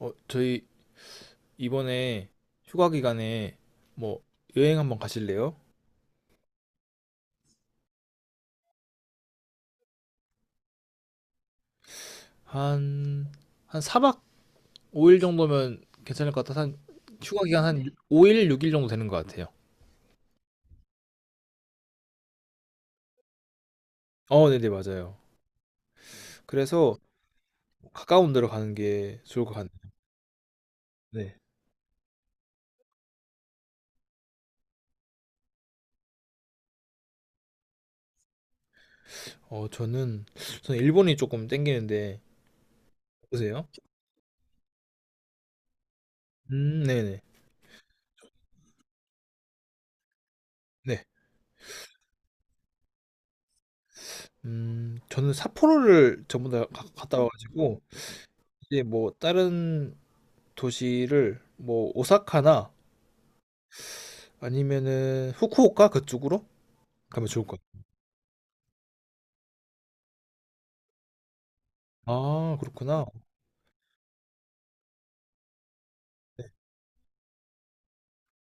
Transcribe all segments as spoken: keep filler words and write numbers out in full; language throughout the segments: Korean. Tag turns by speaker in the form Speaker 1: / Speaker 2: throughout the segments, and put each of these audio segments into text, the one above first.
Speaker 1: 어, 저희 이번에 휴가 기간에 뭐 여행 한번 가실래요? 한, 한 사 박 오 일 정도면 괜찮을 것 같아서 한 휴가 기간 한 오 일, 육 일 정도 되는 것 같아요. 어, 네네, 맞아요. 그래서 가까운 데로 가는 게 좋을 것 같네요. 네. 어, 저는, 저는 일본이 조금 땡기는데, 보세요. 음, 네네. 네. 음, 저는 삿포로를 전부 다 가- 갔다 와가지고, 이제 뭐 다른 도시를 뭐 오사카나 아니면은 후쿠오카 그쪽으로 가면 좋을 것 같아요. 아, 그렇구나.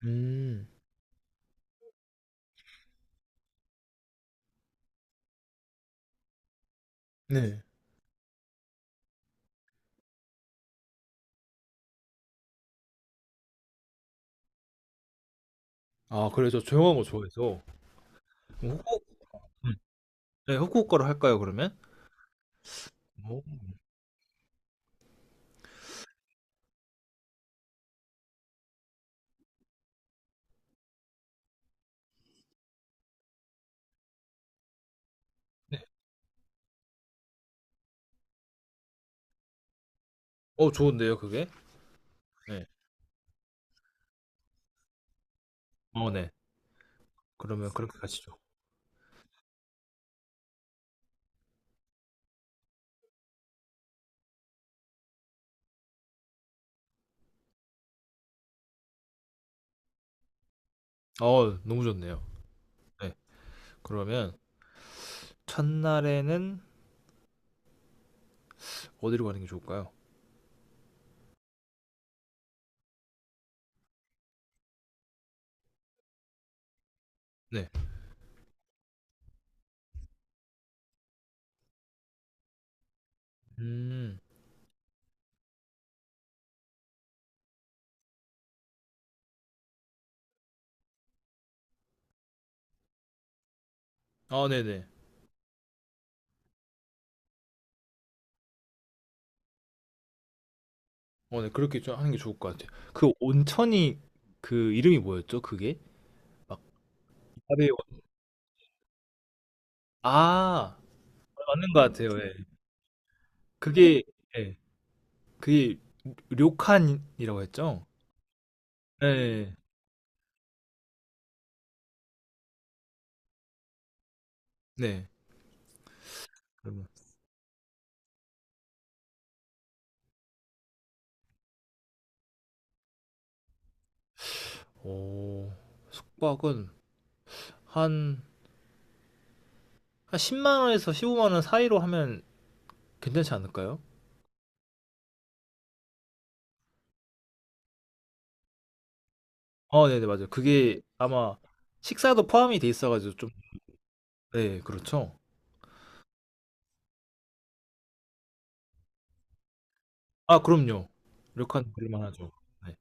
Speaker 1: 음. 네. 아, 그래 저 조용한 거 좋아해서 그럼 후쿠 음. 네, 후쿠오카로 할까요, 그러면? 어, 어 좋은데요, 그게? 네. 어, 네. 그러면 그렇게 가시죠. 어, 너무 좋네요. 네. 그러면 첫날에는 어디로 가는 게 좋을까요? 네. 음. 아, 네네. 어, 네. 그렇게 좀 하는 게 좋을 것 같아요. 그 온천이 그 이름이 뭐였죠? 그게? 막 아베 온- 아, 맞는 것 같아요. 예. 그게 예. 그게 료칸이라고 했죠? 네. 네. 그러면 오, 숙박은 한, 한 십만 원에서 십오만 원 사이로 하면 괜찮지 않을까요? 어, 네네, 맞아요. 그게 아마 식사도 포함이 돼 있어가지고 좀, 네, 그렇죠. 아, 그럼요. 료칸 그럴만 하죠. 네.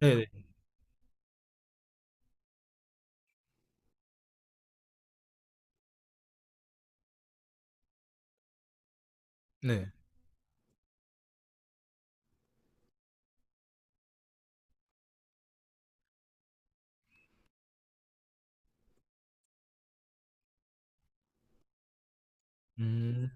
Speaker 1: 네네, 네. 음,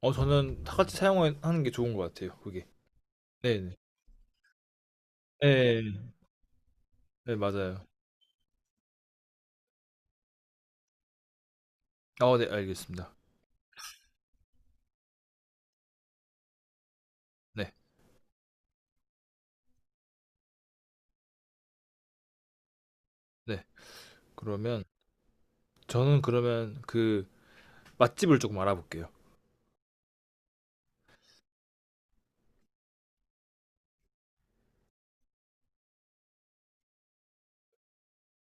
Speaker 1: 어, 저는 다 같이 사용하는 게 좋은 것 같아요, 그게. 네네. 네, 네, 네, 맞아요. 어, 네, 알겠습니다. 네, 네. 그러면 저는 그러면 그 맛집을 조금 알아볼게요.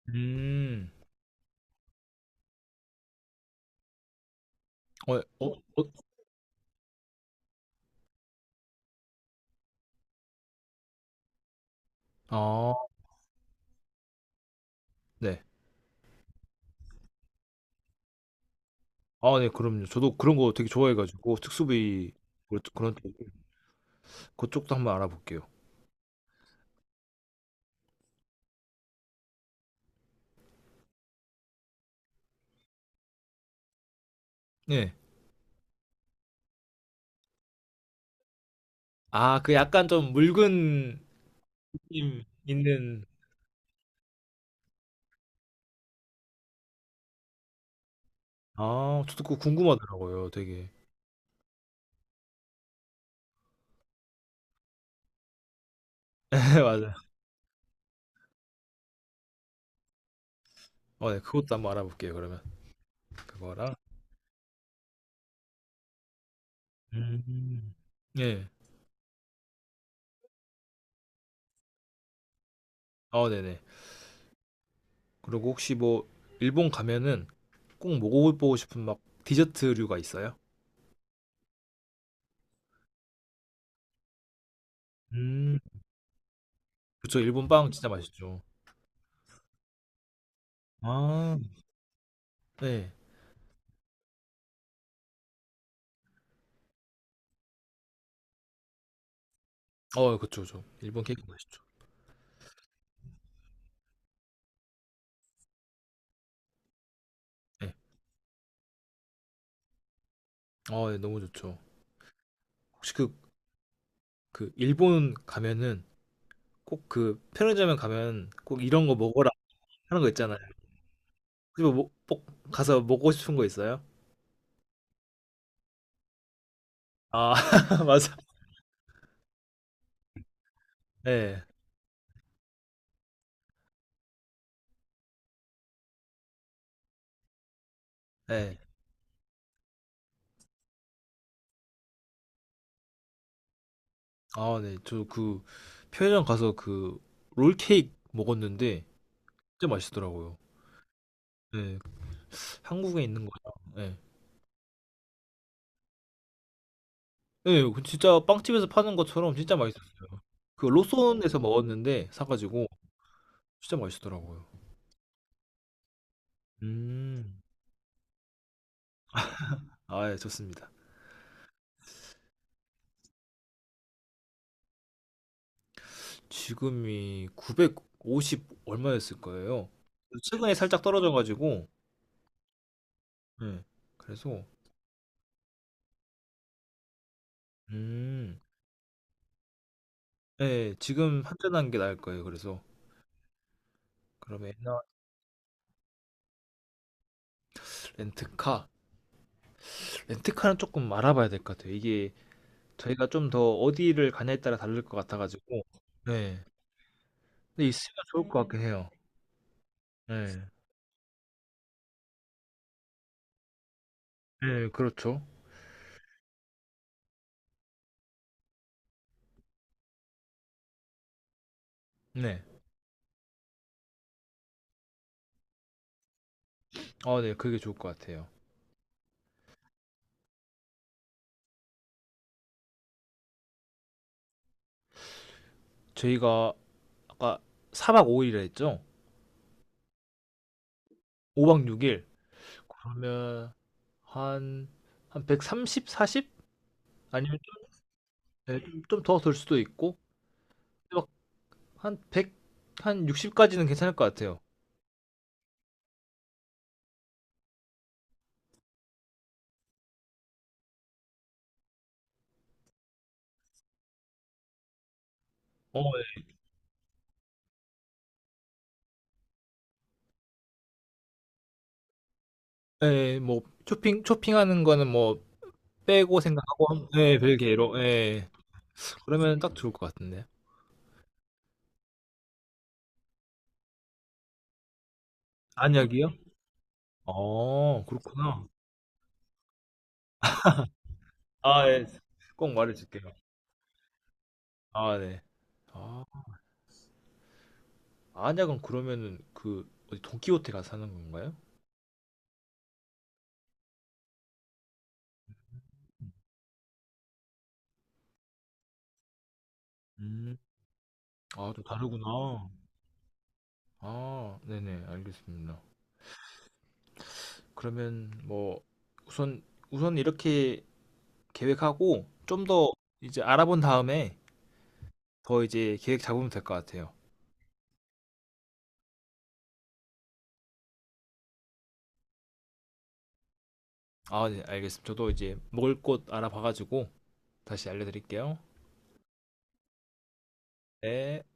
Speaker 1: 음, 어, 어, 어, 아, 네. 아, 네, 그럼요. 저도 그런 거 되게 좋아해가지고, 특수부위, 그런 쪽- 그런 쪽, 그쪽도 한번 알아볼게요. 네. 아, 그 약간 좀 묽은 느낌 있는, 아, 저도 그거 궁금하더라고요, 되게. 네, 맞아요. 어, 네, 그것도 한번 알아볼게요, 그러면. 그거랑. 음. 예. 어, 네네. 그리고 혹시 뭐, 일본 가면은 꼭 먹어보고 싶은 막 디저트류가 있어요? 음. 그쵸. 일본 빵 진짜 맛있죠. 아. 네. 어 그쵸, 그쵸. 일본 케이크 맛있죠. 네. 어 예, 너무 좋죠. 혹시 그 그 일본 가면은 꼭 그 편의점에 가면 꼭 "이런 거 먹어라." 하는 거 있잖아요. 그거 뭐 뭐, 꼭 가서 먹고 싶은 거 있어요? 아 맞아. 예. 예. 아 네. 저 그 편의점 가서 그 롤케이크 먹었는데 진짜 맛있더라고요. 예. 한국에 있는 거랑 예. 예. 그 진짜 빵집에서 파는 것처럼 진짜 맛있었어요. 그 로손에서 먹었는데 사 가지고 진짜 맛있더라고요. 음. 아 예 좋습니다. 지금이 구백오십 얼마였을 거예요. 그 최근에 살짝 떨어져 가지고 예. 그래서 음. 예. 지금 환전한 게 나을 거예요 그래서. 그러면 렌트카. 렌트카는 쪼끔 알아봐야 될 것 같아요. 이게 저희가 좀 더 어디를 가냐에 따라 다를 것 같아 가지고. 네. 근데 있으면 좋을 것 같긴 해요. 예. 예 그렇죠. 네. 아 네 그게 좋을 것 같아요. 저희가 아까 사 박 오 일이라 했죠? 오 박 육 일. 그러면 한, 한 백삼십, 사십? 아니면 네, 좀더 될 수도 있고, 막 한1한 육십까지는 괜찮을 것 같아요. 어, 예, 예, 뭐, 쇼핑, 쇼핑하는 거는 뭐, 빼고 생각하고, 네 별개로, 예. 그러면 딱 좋을 것 같은데. 안약이요? 어, 그렇구나. 아, 예. 꼭 말해줄게요. 아, 네. 아, 안약은 그러면은 그, 어디 돈키호테 가서 사는 건가요? 아, 또 다르구나. 아, 네네, 알겠습니다. 그러면 뭐 우선 우선 이렇게 계획하고 좀 더 이제 알아본 다음에 더 이제 계획 잡으면 될 것 같아요. 아, 네, 알겠습니다. 저도 이제 먹을 곳 알아봐가지고 다시 알려드릴게요. 네.